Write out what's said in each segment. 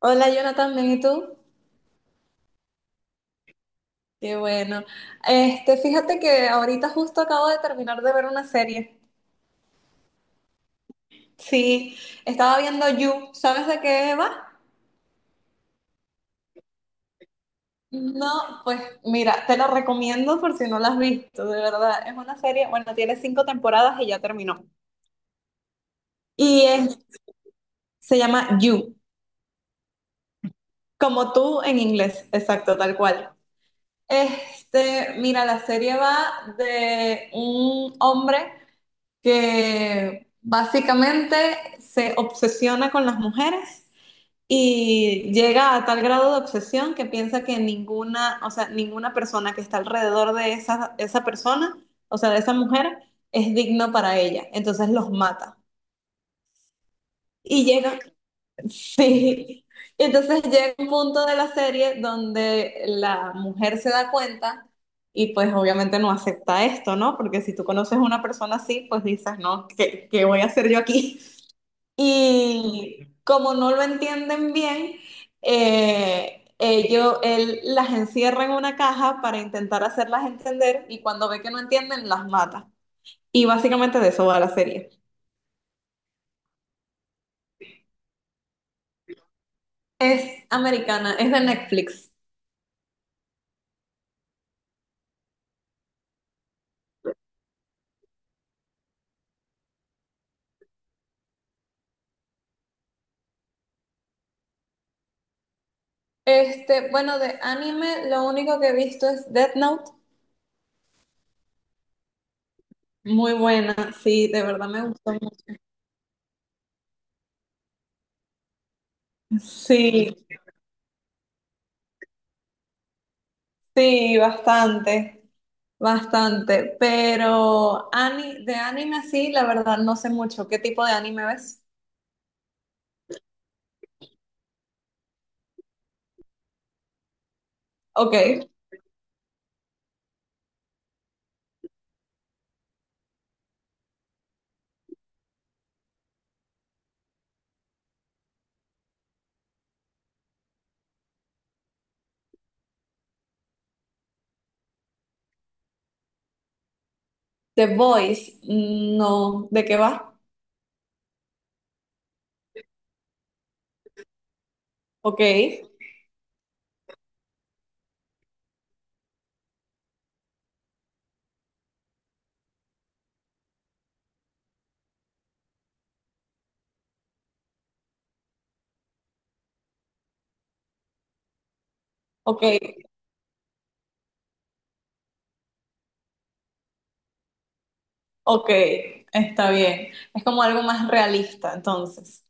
Hola Jonathan, bien, ¿y tú? Qué bueno. Fíjate que ahorita justo acabo de terminar de ver una serie. Sí, estaba viendo You. ¿Sabes de qué va? No, pues mira, te la recomiendo por si no la has visto, de verdad. Es una serie, bueno, tiene cinco temporadas y ya terminó. Y es- Se llama You, como tú en inglés, exacto, tal cual. Mira, la serie va de un hombre que básicamente se obsesiona con las mujeres y llega a tal grado de obsesión que piensa que ninguna, o sea, ninguna persona que está alrededor de esa persona, o sea, de esa mujer, es digno para ella. Entonces los mata. Y llega, sí. Y entonces llega un punto de la serie donde la mujer se da cuenta y pues obviamente no acepta esto, ¿no? Porque si tú conoces a una persona así, pues dices, no, ¿qué voy a hacer yo aquí? Y como no lo entienden bien, él las encierra en una caja para intentar hacerlas entender y cuando ve que no entienden, las mata. Y básicamente de eso va la serie. Es americana, es de Netflix. Bueno, de anime lo único que he visto es Death Note. Muy buena, sí, de verdad me gustó mucho. Sí, sí, bastante. Bastante, pero de anime sí, la verdad no sé mucho. ¿Qué tipo de anime ves? Ok. The Voice, mm, no. ¿De qué va? Ok, ok, ok, está bien. Es como algo más realista, entonces.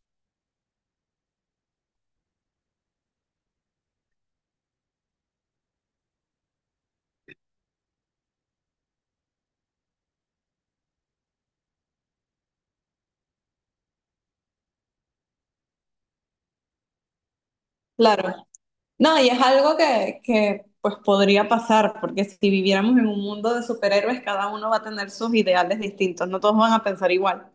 Claro. No, y es algo que pues podría pasar, porque si viviéramos en un mundo de superhéroes, cada uno va a tener sus ideales distintos, no todos van a pensar igual.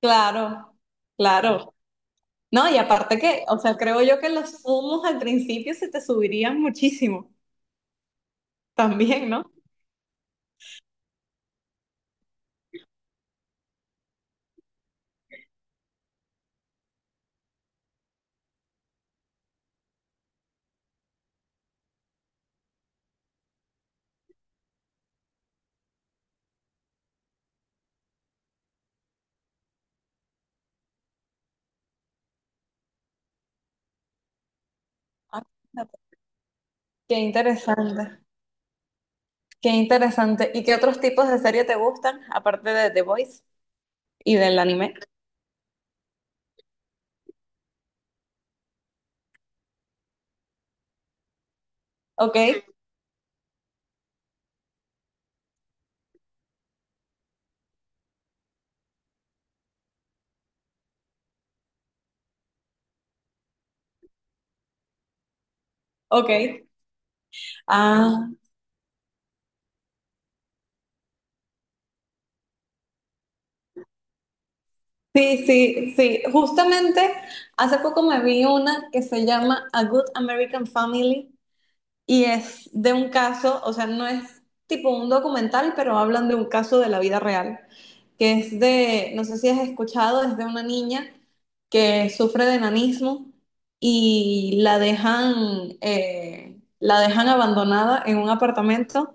Claro, claro. No, y aparte que, o sea, creo yo que los humos al principio se te subirían muchísimo también, ¿no? Ah, qué interesante, qué interesante. ¿Y qué otros tipos de serie te gustan, aparte de The Voice y del anime? Ok, ok. Ah, sí, sí, sí. Justamente hace poco me vi una que se llama A Good American Family, y es de un caso, o sea, no es tipo un documental, pero hablan de un caso de la vida real, que es de, no sé si has escuchado, es de una niña que sufre de enanismo y la dejan abandonada en un apartamento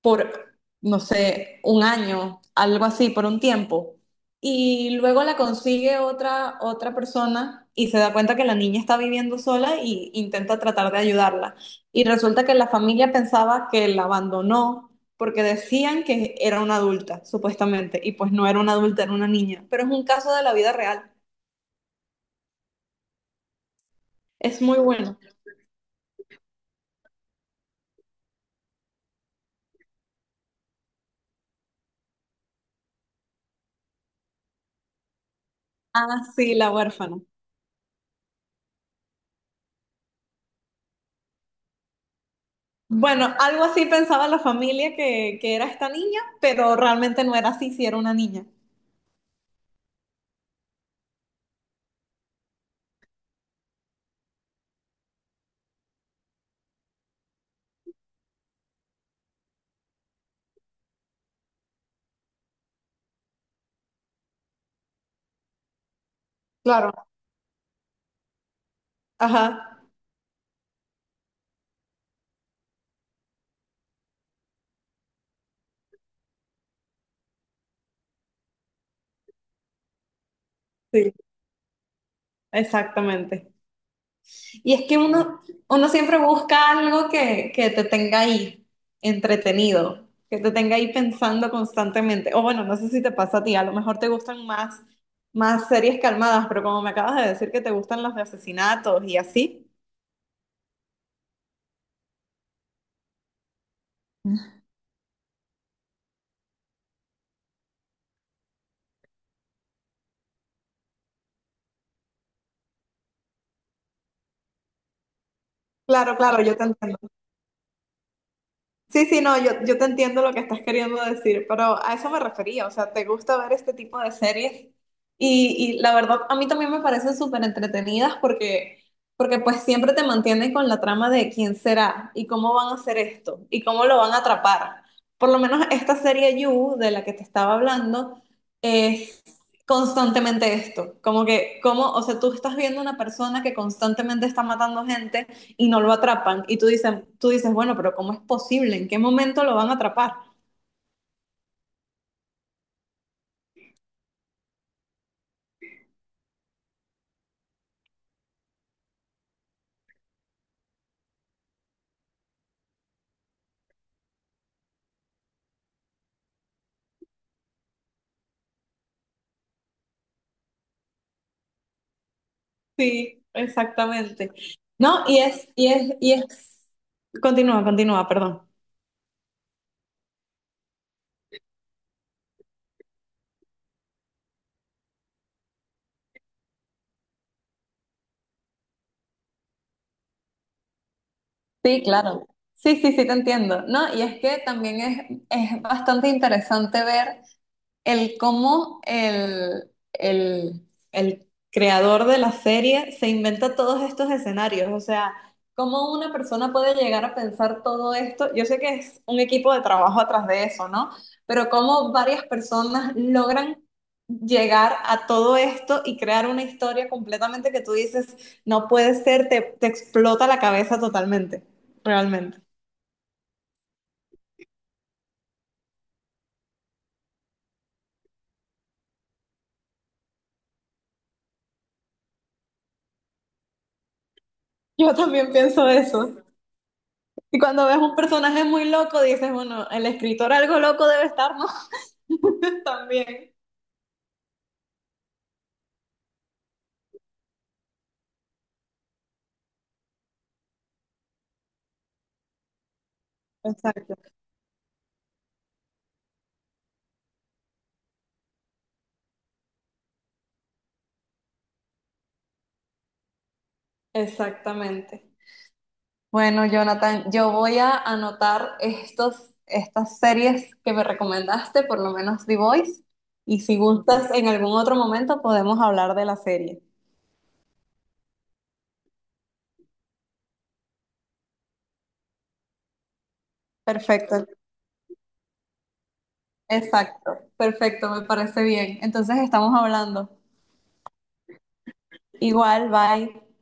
por, no sé, un año, algo así, por un tiempo. Y luego la consigue otra persona y se da cuenta que la niña está viviendo sola y intenta tratar de ayudarla. Y resulta que la familia pensaba que la abandonó porque decían que era una adulta, supuestamente, y pues no era una adulta, era una niña. Pero es un caso de la vida real. Es muy bueno. Ah, sí, la huérfana. Bueno, algo así pensaba la familia que era esta niña, pero realmente no era así, si era una niña. Claro, ajá, sí, exactamente. Y es que uno, uno siempre busca algo que te tenga ahí entretenido, que te tenga ahí pensando constantemente. O bueno, no sé si te pasa a ti, a lo mejor te gustan más series calmadas, pero como me acabas de decir que te gustan las de asesinatos y así. Claro, claro, yo te entiendo. Sí, sí, no, yo te entiendo lo que estás queriendo decir, pero a eso me refería, o sea, te gusta ver este tipo de series y la verdad a mí también me parecen súper entretenidas porque pues siempre te mantienen con la trama de quién será y cómo van a hacer esto y cómo lo van a atrapar. Por lo menos esta serie You de la que te estaba hablando es constantemente esto, como que, como, o sea, tú estás viendo una persona que constantemente está matando gente y no lo atrapan. Y tú dices, bueno, pero ¿cómo es posible? ¿En qué momento lo van a atrapar? Sí, exactamente. No, y es, continúa, continúa, perdón. Sí, claro. Sí, sí, sí, te entiendo. No, y es que también es bastante interesante ver el cómo el creador de la serie se inventa todos estos escenarios. O sea, cómo una persona puede llegar a pensar todo esto. Yo sé que es un equipo de trabajo atrás de eso, ¿no? Pero cómo varias personas logran llegar a todo esto y crear una historia completamente que tú dices, no puede ser, te explota la cabeza totalmente, realmente. Yo también pienso eso. Y cuando ves un personaje muy loco, dices, bueno, el escritor algo loco debe estar, ¿no? También. Exacto. Exactamente. Bueno, Jonathan, yo voy a anotar estas series que me recomendaste, por lo menos The Voice, y si gustas, en algún otro momento podemos hablar de la serie. Perfecto, exacto, perfecto, me parece bien. Entonces estamos hablando. Igual, bye.